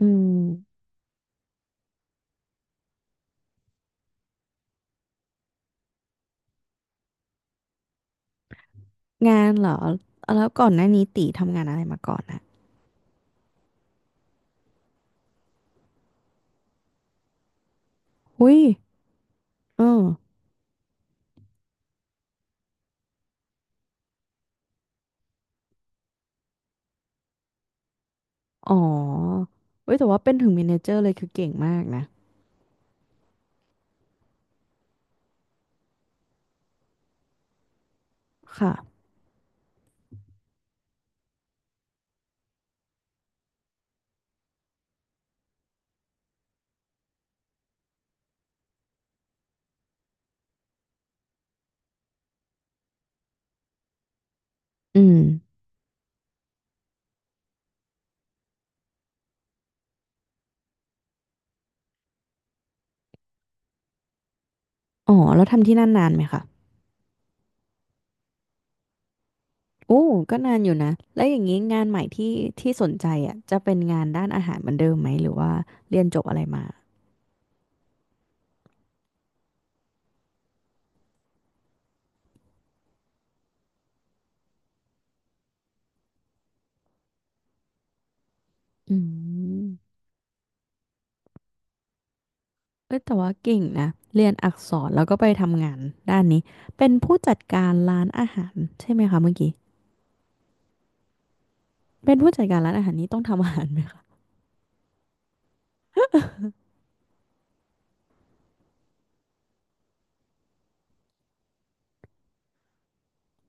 อืมงานเหรอ แล้วก่อนหน้านี้ตีทำงานอะไรมาก่อนอะหุ้ยเอออ๋อเว้ยแต่ว่าเป็นถึงเมเนเจอร์เลยคือเก่งมากนะค่ะอืมอ๋อแล้วทำที่นั่นนานไหมคะโอ้ก็นานอยู่นะแล้วอย่างนี้งานใหม่ที่ที่สนใจอ่ะจะเป็นงานด้านอาหารเหมือนเดิมไหมหรือว่าเรียนจบอะไรมาอืมเอ้ยแต่ว่าเก่งนะเรียนอักษรแล้วก็ไปทำงานด้านนี้เป็นผู้จัดการร้านอาหารใช่ไหมคะเมื่อกี้เป็นผู้จัดการร้านอาหารนี้ต้องทำอาหารไหม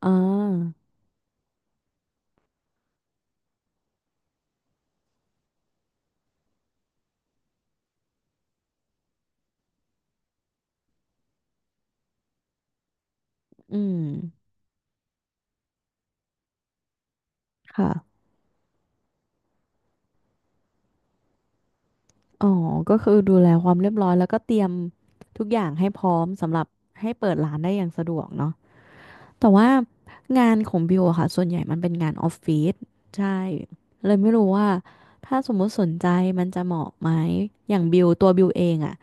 อ่าอืม ค่ะ อ๋อ ก็คือดูแลความเรียบร้อยแล้วก็เตรียมทุกอย่างให้พร้อมสำหรับให้เปิดร้านได้อย่างสะดวกเนาะแต่ว่างานของบิวอะค่ะ ส่วนใหญ่มันเป็นงานออฟฟิศใช่ เลยไม่รู้ว่าถ้าสมมุติสนใจมันจะเหมาะไหม อย่างบิวตัวบิวเองอะ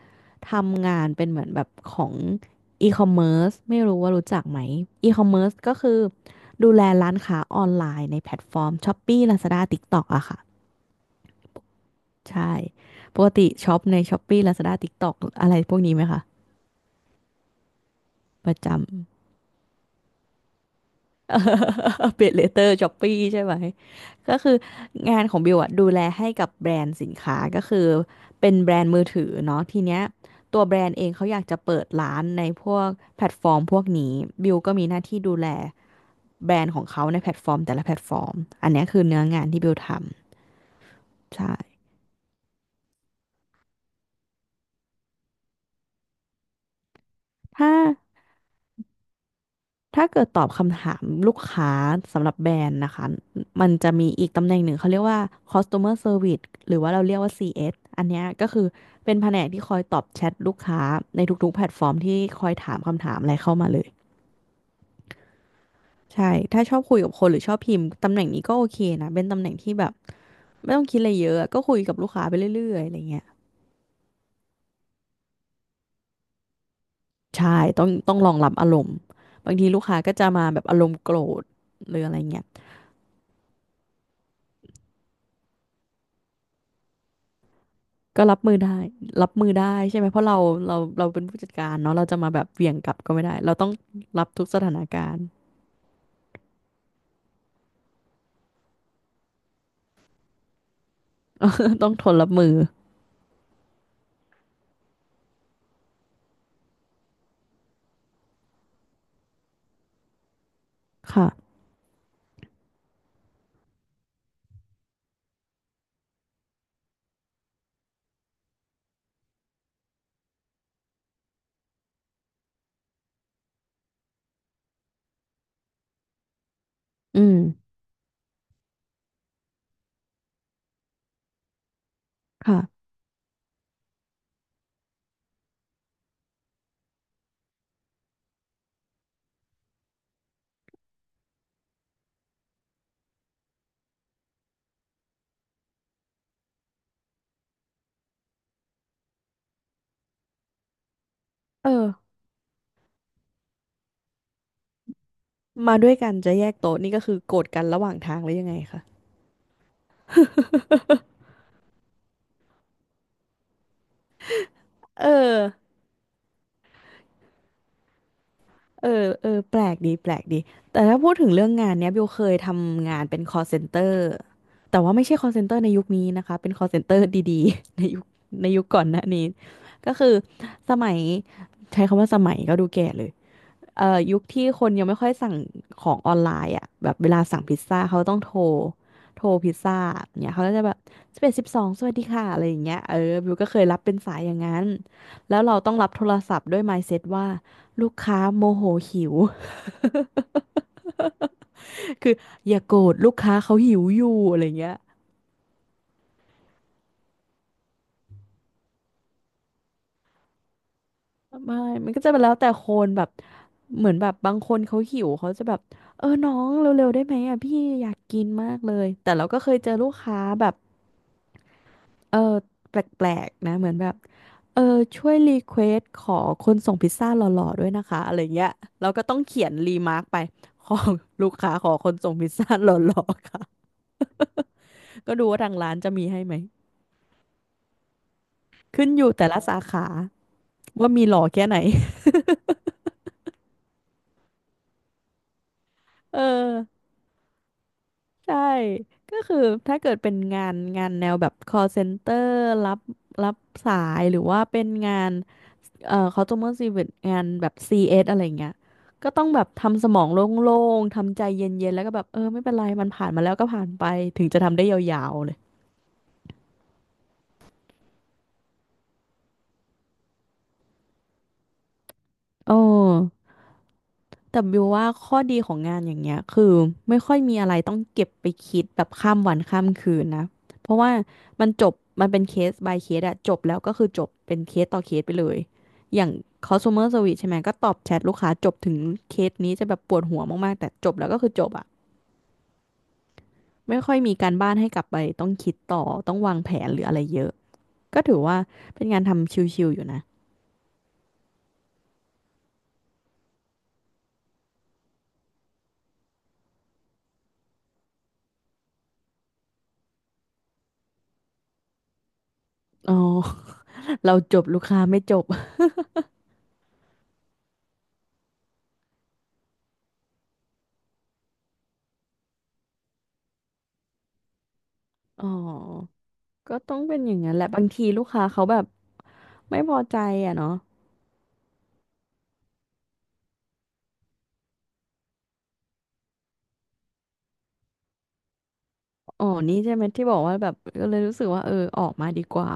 ทำงานเป็นเหมือนแบบของอีคอมเมิร์ซไม่รู้ว่ารู้จักไหมอีคอมเมิร์ซก็คือดูแลร้านค้าออนไลน์ในแพลตฟอร์ม Shopee Lazada TikTok อะค่ะ ใช่ ปกติช็อปใน Shopee Lazada TikTok อะไรพวกนี้ไหมคะประจำ เป l เลเตอร์ Shopee ใช่ไหม ก็คืองานของบิวอะดูแลให้กับแบรนด์สินค้าก็คือเป็นแบรนด์มือถือเนาะทีเนี้ยตัวแบรนด์เองเขาอยากจะเปิดร้านในพวกแพลตฟอร์มพวกนี้บิวก็มีหน้าที่ดูแลแบรนด์ของเขาในแพลตฟอร์มแต่ละแพลตฟอร์มอันเนี้ยคือเนื้องานที่บิวทำใช่ถ้า ถ้าเกิดตอบคำถามลูกค้าสำหรับแบรนด์นะคะมันจะมีอีกตำแหน่งหนึ่งเขาเรียกว่า customer service หรือว่าเราเรียกว่า CS อสอันเนี้ยก็คือเป็นแผนกที่คอยตอบแชทลูกค้าในทุกๆแพลตฟอร์มที่คอยถามคำถามอะไรเข้ามาเลย ใช่ ถ้าชอบคุยกับคนหรือชอบพิมพ์ตำแหน่งนี้ก็โอเคนะ เป็นตำแหน่งที่แบบไม่ต้องคิดอะไรเยอะอะก็คุยกับลูกค้าไปเรื่อยๆอะไรเงี้ยใช่ต้องรองรับอารมณ์บางทีลูกค้าก็จะมาแบบอารมณ์โกรธหรืออะไรเงี้ย ก็รับมือได้รับมือได้ใช่ไหมเพราะเราเป็นผู้จัดการเนาะเราจะมาแบบเหวี่ยงกลับก็ไม่ได้เราต้องรับทุกสถานการณ์ ต้องทนรับมือค่ะอืมค่ะเออมาด้วยกันจะแยกโต๊ะนี่ก็คือโกรธกันระหว่างทางหรือยังไงคะเออเออเออแปลกดีแปลกดีแต่ถ้าพูดถึงเรื่องงานเนี้ยบิวเคยทำงานเป็น call center แต่ว่าไม่ใช่ call center ในยุคนี้นะคะเป็น call center ดีๆ ในยุคก่อนหน้านี้ก็คือสมัยใช้คำว่าสมัยก็ดูแก่เลย ยุคที่คนยังไม่ค่อยสั่งของออนไลน์อ่ะแบบเวลาสั่งพิซซ่าเขาต้องโทรพิซซ่าเนี่ยเขาก็จะแบบ11 12สวัสดีค่ะอะไรอย่างเงี้ยเออบิวก็เคยรับเป็นสายอย่างนั้นแล้วเราต้องรับโทรศัพท์ด้วย mindset ว่าลูกค้าโมโหหิว คืออย่าโกรธลูกค้าเขาหิวอยู่อะไรอย่างเงี้ยไม่มันก็จะเป็นแล้วแต่คนแบบเหมือนแบบบางคนเขาหิวเขาจะแบบเออน้องเร็วๆได้ไหมอ่ะพี่อยากกินมากเลยแต่เราก็เคยเจอลูกค้าแบบ เออแปลกๆนะเหมือนแบบเออช่วยรีเควสขอคนส่งพิซซ่าหล่อๆด้วยนะคะอะไรเงี้ยเราก็ต้องเขียนรีมาร์กไปขอลูกค้าขอคนส่งพิซซ่าหล่อๆค่ะก็ดูว่าทางร้านจะมีให้ไหมขึ้นอยู่แต่ละสาขาว่ามีหล่อแค่ไหน เออใช่ก็คือถ้าเกิดเป็นงานงานแนวแบบ call center รับรับสายหรือว่าเป็นงาน customer service งานแบบ CS อสอะไรเงี้ยก็ต้องแบบทำสมองโล่งๆทำใจเย็นๆแล้วก็แบบเออไม่เป็นไรมันผ่านมาแล้วก็ผ่านไปถึงจะทำได้ยาวๆเลยโอ้แต่บิวว่าข้อดีของงานอย่างเงี้ยคือไม่ค่อยมีอะไรต้องเก็บไปคิดแบบข้ามวันข้ามคืนนะเพราะว่ามันจบมันเป็นเคส by เคสอะจบแล้วก็คือจบเป็นเคสต่อเคสไปเลยอย่าง customer service ใช่ไหมก็ตอบแชทลูกค้าจบถึงเคสนี้จะแบบปวดหัวมากๆแต่จบแล้วก็คือจบอะ ไม่ค่อยมีการบ้านให้กลับไปต้องคิดต่อต้องวางแผนหรืออะไรเยอะก็ถือว่าเป็นงานทำชิลๆอยู่นะอ๋อ เราจบลูกค้าไม่จบอ๋อก็ต้องเป็นอย่างนั้นแหละบางทีลูกค้าเขาแบบไม่พอใจอ่ะเนาะอ๋อนี่ใช่ไหมที่บอกว่าแบบก็เลยรู้สึกว่าเออออกมาดีกว่า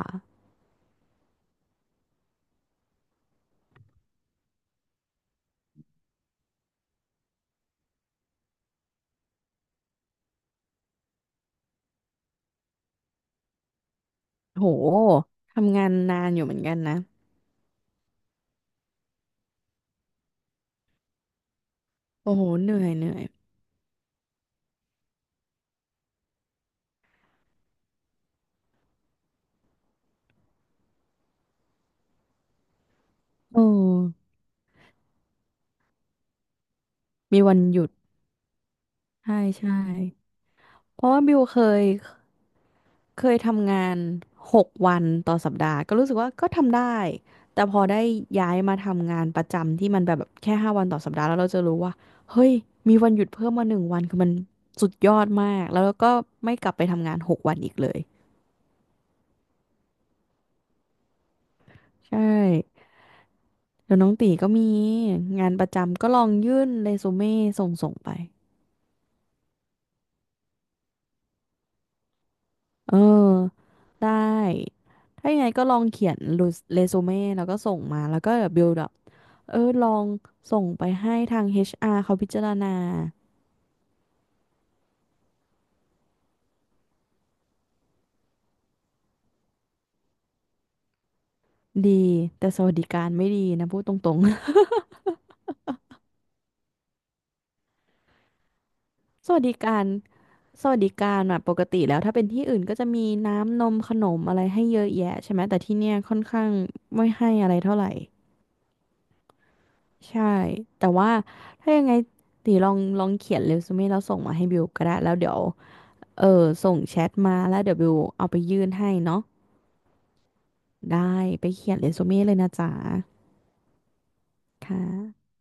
โหทำงานนานอยู่เหมือนกันนะโอ้โหเหนื่อยเหนื่อยโอ้มีวันหยุดใช่ใช่เพราะว่าบิวเคยเค เคยทำงาน6 วันต่อสัปดาห์ก็รู้สึกว่าก็ทำได้แต่พอได้ย้ายมาทำงานประจำที่มันแบบแค่5 วันต่อสัปดาห์แล้วเราจะรู้ว่าเฮ้ยมีวันหยุดเพิ่มมา1 วันคือมันสุดยอดมากแล้วก็ไม่กลับไปทำงานหกวันอีกเลยใช่แล้วน้องตีก็มีงานประจำก็ลองยื่นเรซูเม่ส่งไปเออได้ถ้ายังไงก็ลองเขียนเรซูเม่แล้วก็ส่งมาแล้วก็ build up เออลองส่งไปให้ทาง HR เขาพิจารณาดีแต่สวัสดิการไม่ดีนะพูดตรงๆ สวัสดิการสวัสดิการอะปกติแล้วถ้าเป็นที่อื่นก็จะมีน้ำนมขนมอะไรให้เยอะแยะใช่ไหมแต่ที่เนี่ยค่อนข้างไม่ให้อะไรเท่าไหร่ใช่แต่ว่าถ้ายังไงตีลองเขียนเรซูเม่แล้วส่งมาให้บิวก็ได้แล้วเดี๋ยวเออส่งแชทมาแล้วเดี๋ยวบิวเอาไปยื่นให้เนาะได้ไปเขียนเรซูเม่เลยนะจ๊ะค่ะ